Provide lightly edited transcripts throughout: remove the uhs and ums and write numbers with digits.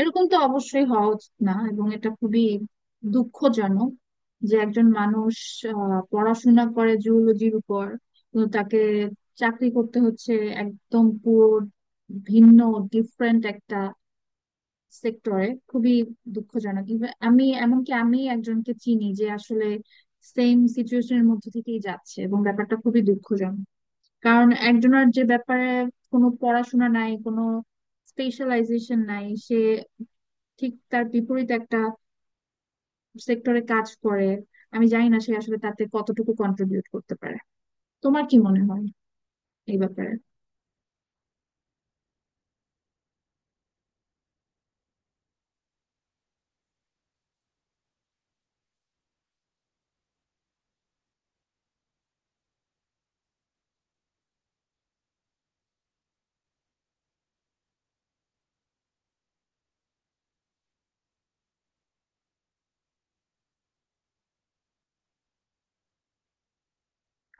এরকম তো অবশ্যই হওয়া উচিত না, এবং এটা খুবই দুঃখজনক যে একজন মানুষ পড়াশোনা করে জুওলজির উপর কিন্তু তাকে চাকরি করতে হচ্ছে একদম পুরো ভিন্ন ডিফারেন্ট একটা সেক্টরে। খুবই দুঃখজনক। Even আমি এমনকি আমি একজনকে চিনি যে আসলে সেম সিচুয়েশনের মধ্যে থেকেই যাচ্ছে, এবং ব্যাপারটা খুবই দুঃখজনক, কারণ একজনের যে ব্যাপারে কোনো পড়াশোনা নাই, কোনো স্পেশালাইজেশন নাই, সে ঠিক তার বিপরীত একটা সেক্টরে কাজ করে। আমি জানি না সে আসলে তাতে কতটুকু কন্ট্রিবিউট করতে পারে। তোমার কি মনে হয় এই ব্যাপারে?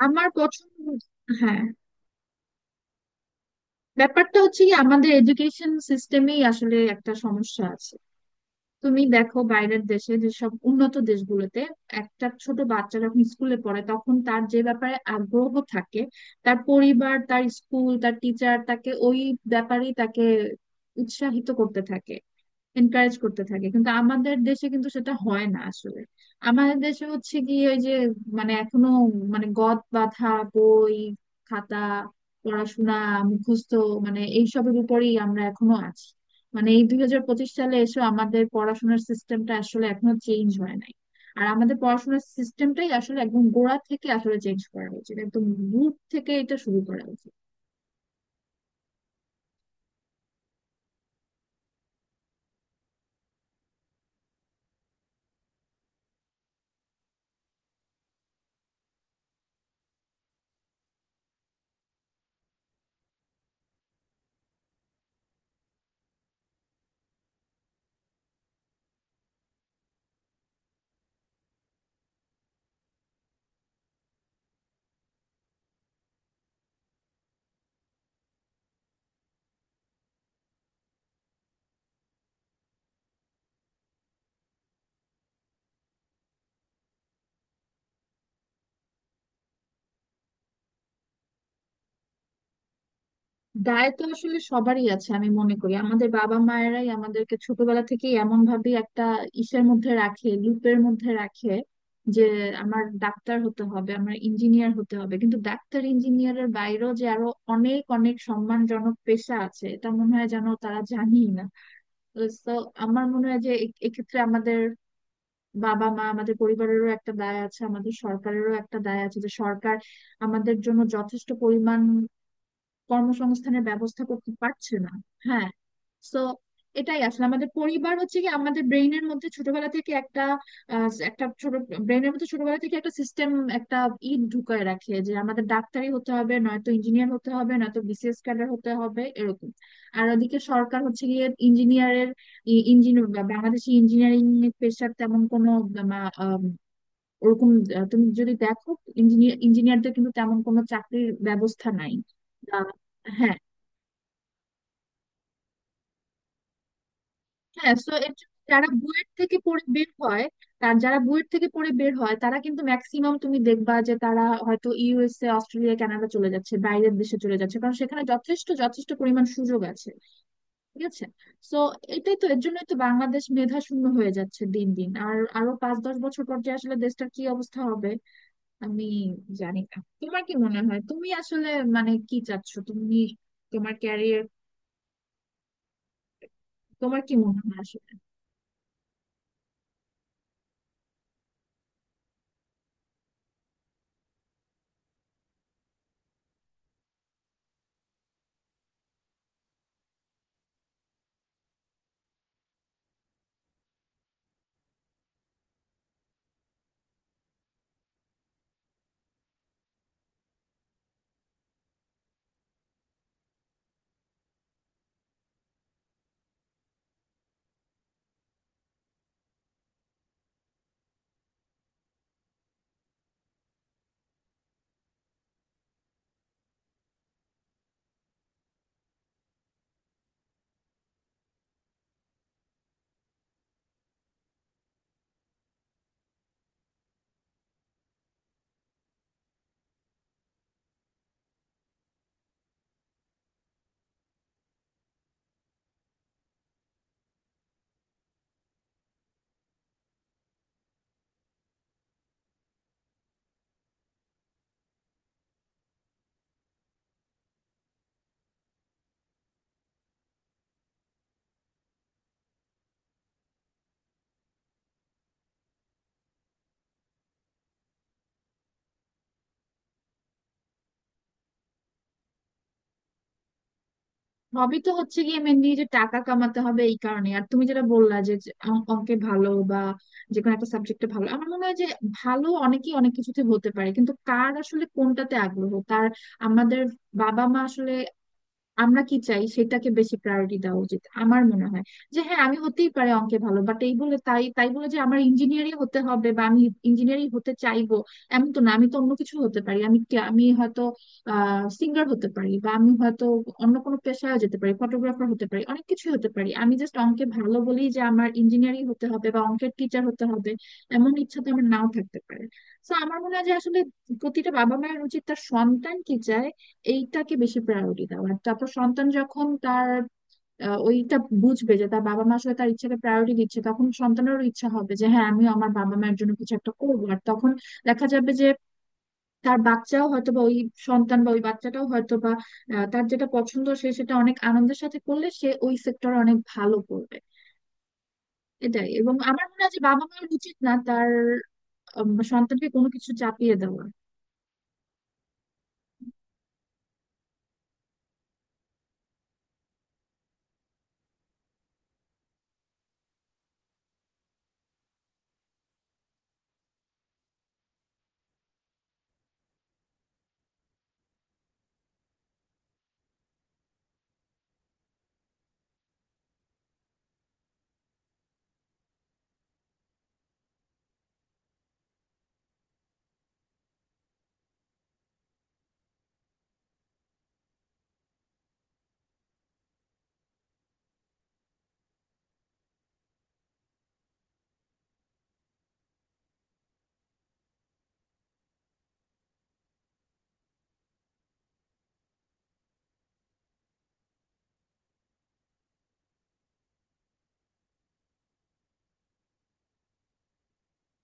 আমার পছন্দ। হ্যাঁ, ব্যাপারটা হচ্ছে কি, আমাদের এডুকেশন সিস্টেমেই আসলে একটা সমস্যা আছে। তুমি দেখো, বাইরের দেশে, যেসব উন্নত দেশগুলোতে একটা ছোট বাচ্চা যখন স্কুলে পড়ে তখন তার যে ব্যাপারে আগ্রহ থাকে, তার পরিবার, তার স্কুল, তার টিচার তাকে ওই ব্যাপারেই তাকে উৎসাহিত করতে থাকে, এনকারেজ করতে থাকে। কিন্তু আমাদের দেশে কিন্তু সেটা হয় না আসলে। আমাদের দেশে হচ্ছে কি, ওই যে মানে এখনো মানে গদ বাঁধা বই, খাতা, পড়াশোনা, মুখস্থ, মানে এইসবের উপরেই আমরা এখনো আছি। মানে এই 2025 সালে এসে আমাদের পড়াশোনার সিস্টেমটা আসলে এখনো চেঞ্জ হয় নাই। আর আমাদের পড়াশোনার সিস্টেমটাই আসলে একদম গোড়া থেকে আসলে চেঞ্জ করা উচিত, একদম রুট থেকে এটা শুরু করা উচিত। দায় তো আসলে সবারই আছে। আমি মনে করি আমাদের বাবা মায়েরাই আমাদেরকে ছোটবেলা থেকে এমন ভাবে একটা ইসের মধ্যে রাখে, লুপের মধ্যে রাখে, যে আমার ডাক্তার হতে হবে, আমার ইঞ্জিনিয়ার হতে হবে, কিন্তু ডাক্তার ইঞ্জিনিয়ারের বাইরেও যে আরো অনেক অনেক সম্মানজনক পেশা আছে এটা মনে হয় যেন তারা জানেই না। তো আমার মনে হয় যে এক্ষেত্রে আমাদের বাবা মা, আমাদের পরিবারেরও একটা দায় আছে, আমাদের সরকারেরও একটা দায় আছে, যে সরকার আমাদের জন্য যথেষ্ট পরিমাণ কর্মসংস্থানের ব্যবস্থা করতে পারছে না। হ্যাঁ। সো এটাই আসলে আমাদের পরিবার হচ্ছে কি আমাদের ব্রেইনের মধ্যে ছোটবেলা থেকে একটা একটা ছোট ব্রেইনের মধ্যে ছোটবেলা থেকে একটা সিস্টেম, একটা ই ঢুকায় রাখে যে আমাদের ডাক্তারই হতে হবে, নয়তো ইঞ্জিনিয়ার হতে হবে, নয়তো বিসিএস ক্যাডার হতে হবে এরকম। আর ওদিকে সরকার হচ্ছে গিয়ে ইঞ্জিনিয়ারের, ইঞ্জিনিয়ার বাংলাদেশি ইঞ্জিনিয়ারিং পেশার তেমন কোনো ওরকম তুমি যদি দেখো, ইঞ্জিনিয়ার ইঞ্জিনিয়ারদের কিন্তু তেমন কোনো চাকরির ব্যবস্থা নাই। আহ, হ্যাঁ। হ্যাঁ। সো এর জন্য যারা বুয়েট থেকে পড়ে বের হয়, তার যারা বুয়েট থেকে পড়ে বের হয় তারা কিন্তু ম্যাক্সিমাম তুমি দেখবা যে তারা হয়তো ইউএসএ, অস্ট্রেলিয়া, কানাডা চলে যাচ্ছে, বাইরের দেশে চলে যাচ্ছে, কারণ সেখানে যথেষ্ট যথেষ্ট পরিমাণ সুযোগ আছে। ঠিক আছে। সো এটাই তো, এর জন্যই তো বাংলাদেশ মেধা শূন্য হয়ে যাচ্ছে দিন দিন। আর আরো 5-10 বছর পর যে আসলে দেশটার কি অবস্থা হবে আমি জানি না। তোমার কি মনে হয় তুমি আসলে মানে কি চাচ্ছ তুমি, তোমার ক্যারিয়ার? তোমার কি মনে হয় আসলে? হবি তো হচ্ছে গিয়ে মেনলি যে টাকা কামাতে হবে এই কারণে। আর তুমি যেটা বললা যে যে অঙ্কে ভালো বা যে কোনো একটা সাবজেক্টে ভালো, আমার মনে হয় যে ভালো অনেকেই অনেক কিছুতে হতে পারে, কিন্তু কার আসলে কোনটাতে আগ্রহ, তার আমাদের বাবা মা আসলে আমরা কি চাই সেটাকে বেশি প্রায়োরিটি দেওয়া উচিত আমার মনে হয়। যে হ্যাঁ, আমি হতেই পারে অঙ্কে ভালো, বাট এই বলে তাই তাই বলে যে আমার ইঞ্জিনিয়ারিং হতে হবে বা আমি ইঞ্জিনিয়ারিং হতে চাইবো, এমন তো না। আমি তো অন্য কিছু হতে পারি। আমি আমি হয়তো সিঙ্গার হতে পারি, বা আমি হয়তো অন্য কোনো পেশায় যেতে পারি, ফটোগ্রাফার হতে পারি, অনেক কিছু হতে পারি। আমি জাস্ট অঙ্কে ভালো বলি যে আমার ইঞ্জিনিয়ারিং হতে হবে বা অঙ্কের টিচার হতে হবে এমন ইচ্ছা তো আমার নাও থাকতে পারে। তো আমার মনে হয় যে আসলে প্রতিটা বাবা মায়ের উচিত তার সন্তান কি চায় এইটাকে বেশি প্রায়োরিটি দাও, আর তারপর সন্তান যখন তার ওইটা বুঝবে যে তার বাবা মা আসলে তার ইচ্ছাকে প্রায়োরিটি দিচ্ছে, তখন সন্তানেরও ইচ্ছা হবে যে হ্যাঁ, আমিও আমার বাবা মায়ের জন্য কিছু একটা করবো। আর তখন দেখা যাবে যে তার বাচ্চাও হয়তো বা ওই সন্তান বা ওই বাচ্চাটাও হয়তো বা তার যেটা পছন্দ সে সেটা অনেক আনন্দের সাথে করলে সে ওই সেক্টরে অনেক ভালো করবে। এটাই। এবং আমার মনে হয় যে বাবা মায়ের উচিত না তার সন্তানকে কোনো কিছু চাপিয়ে দেওয়া।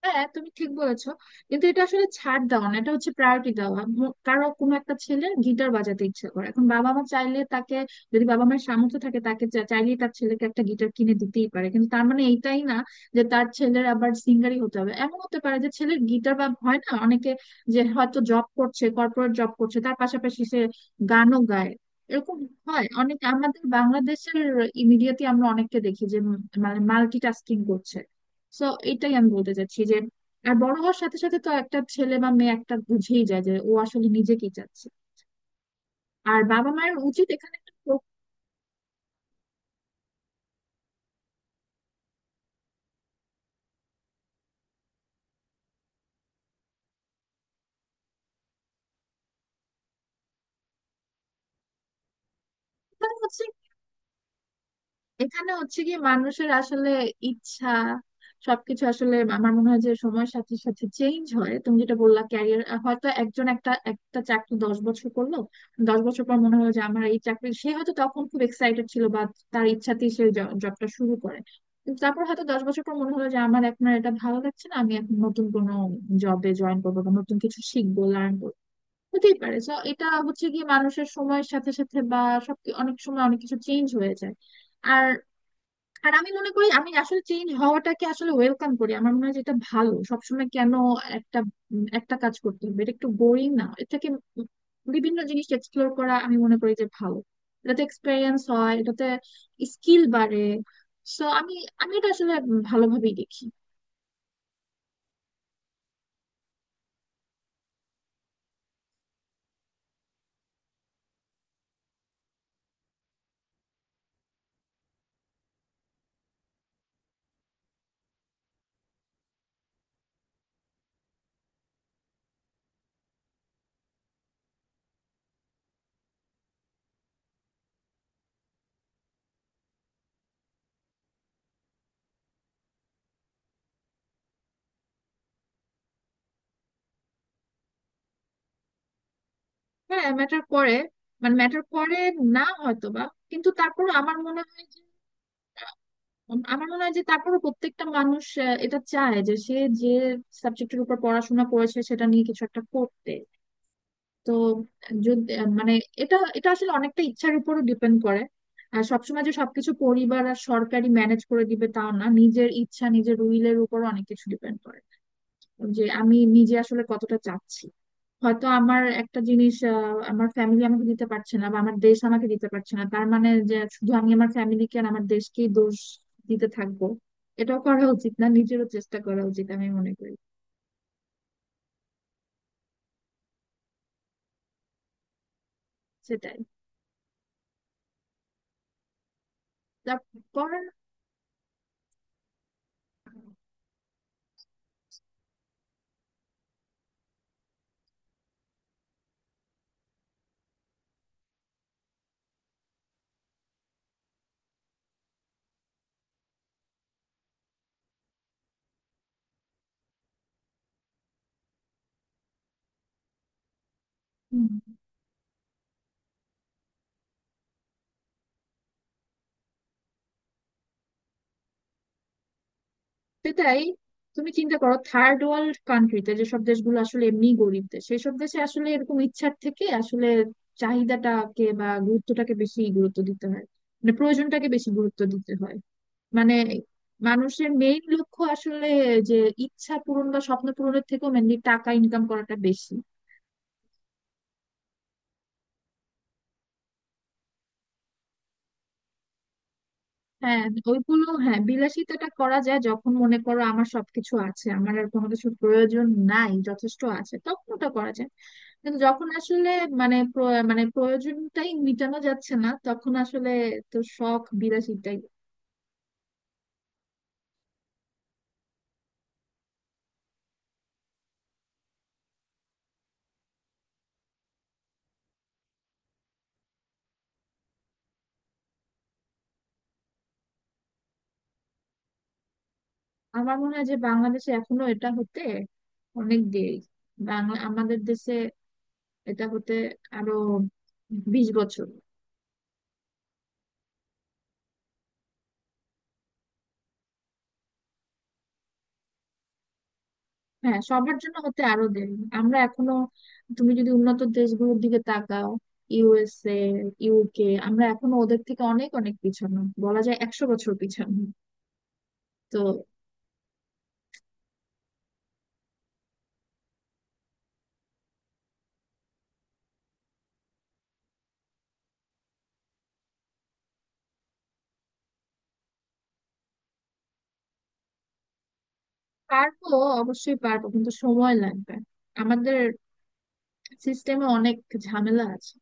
হ্যাঁ, তুমি ঠিক বলেছো, কিন্তু এটা আসলে ছাড় দেওয়া না, এটা হচ্ছে প্রায়োরিটি দেওয়া। কারো কোনো একটা ছেলে গিটার বাজাতে ইচ্ছে করে, এখন বাবা মা চাইলে তাকে, যদি বাবা মায়ের সামর্থ্য থাকে তাকে চাইলেই তার ছেলেকে একটা গিটার কিনে দিতেই পারে। কিন্তু তার মানে এইটাই না যে তার ছেলের আবার সিঙ্গারই হতে হবে। এমন হতে পারে যে ছেলের গিটার, বা হয় না অনেকে যে হয়তো জব করছে, কর্পোরেট জব করছে তার পাশাপাশি সে গানও গায়, এরকম হয় অনেক আমাদের বাংলাদেশের। ইমিডিয়েটলি আমরা অনেককে দেখি যে মানে মাল্টিটাস্কিং করছে। সো এটাই আমি বলতে চাচ্ছি যে আর বড় হওয়ার সাথে সাথে তো একটা ছেলে বা মেয়ে একটা বুঝেই যায় যে ও আসলে নিজে কি চাচ্ছে, আর বাবা মায়ের উচিত এখানে একটা প্রথা আছে। এখানে হচ্ছে কি মানুষের আসলে ইচ্ছা সবকিছু আসলে আমার মনে হয় যে সময়ের সাথে সাথে চেঞ্জ হয়। তুমি যেটা বললা ক্যারিয়ার, হয়তো একজন একটা একটা চাকরি 10 বছর করলো, 10 বছর পর মনে হলো যে আমার এই চাকরি, সে হয়তো তখন খুব এক্সাইটেড ছিল বা তার ইচ্ছাতেই সে জবটা শুরু করে, কিন্তু তারপর হয়তো 10 বছর পর মনে হলো যে আমার এখন আর এটা ভালো লাগছে না, আমি এখন নতুন কোনো জবে জয়েন করবো বা নতুন কিছু শিখবো, লার্ন করবো, হতেই পারে। তো এটা হচ্ছে কি মানুষের সময়ের সাথে সাথে বা সব অনেক সময় অনেক কিছু চেঞ্জ হয়ে যায়। আর আর আমি মনে করি আমি আসলে চেঞ্জ হওয়াটাকে আসলে ওয়েলকাম করি। আমার মনে হয় যেটা ভালো, সবসময় কেন একটা একটা কাজ করতে হবে? এটা একটু বোরিং না? এর থেকে উম বিভিন্ন জিনিস এক্সপ্লোর করা আমি মনে করি যে ভালো। এটাতে এক্সপেরিয়েন্স হয়, এটাতে স্কিল বাড়ে। সো আমি আমি এটা আসলে ভালোভাবেই দেখি। হ্যাঁ ম্যাটার করে, মানে ম্যাটার করে না হয়তো বা, কিন্তু তারপর আমার মনে হয় যে আমার মনে হয় যে তারপরে প্রত্যেকটা মানুষ এটা চায় যে সে যে সাবজেক্টের উপর পড়াশোনা করেছে সেটা নিয়ে কিছু একটা করতে। তো যদি মানে এটা এটা আসলে অনেকটা ইচ্ছার উপরও ডিপেন্ড করে। আর সবসময় যে সবকিছু পরিবার আর সরকারি ম্যানেজ করে দিবে তাও না, নিজের ইচ্ছা, নিজের উইলের উপর অনেক কিছু ডিপেন্ড করে, যে আমি নিজে আসলে কতটা চাচ্ছি। হয়তো আমার একটা জিনিস আমার ফ্যামিলি আমাকে দিতে পারছে না বা আমার দেশ আমাকে দিতে পারছে না, তার মানে যে শুধু আমি আমার ফ্যামিলিকে আর আমার দেশকেই দোষ দিতে থাকবো, এটাও করা উচিত না, নিজেরও চেষ্টা করা উচিত আমি মনে করি। সেটাই। তারপর হুম, সেটাই। তুমি চিন্তা করো থার্ড ওয়ার্ল্ড কান্ট্রিতে, যেসব দেশগুলো আসলে এমনি গরিব দেশ, সেসব দেশে আসলে এরকম ইচ্ছার থেকে আসলে চাহিদাটাকে বা গুরুত্বটাকে বেশি গুরুত্ব দিতে হয়, মানে প্রয়োজনটাকে বেশি গুরুত্ব দিতে হয়। মানে মানুষের মেইন লক্ষ্য আসলে যে ইচ্ছা পূরণ বা স্বপ্ন পূরণের থেকেও মেনলি টাকা ইনকাম করাটা বেশি। হ্যাঁ, ওইগুলো হ্যাঁ বিলাসিতাটা করা যায় যখন মনে করো আমার সবকিছু আছে, আমার আর কোনো কিছুর প্রয়োজন নাই, যথেষ্ট আছে, তখন ওটা করা যায়। কিন্তু যখন আসলে মানে মানে প্রয়োজনটাই মিটানো যাচ্ছে না, তখন আসলে তো শখ বিলাসিতাই। আমার মনে হয় যে বাংলাদেশে এখনো এটা হতে অনেক দেরি। বাংলা, আমাদের দেশে এটা হতে আরো 20 বছর। হ্যাঁ, সবার জন্য হতে আরো দেরি। আমরা এখনো, তুমি যদি উন্নত দেশগুলোর দিকে তাকাও, ইউএসএ, ইউকে, আমরা এখনো ওদের থেকে অনেক অনেক পিছানো বলা যায়, 100 বছর পিছানো। তো পারবো, অবশ্যই পারবো, কিন্তু সময় লাগবে। আমাদের সিস্টেমে অনেক ঝামেলা আছে।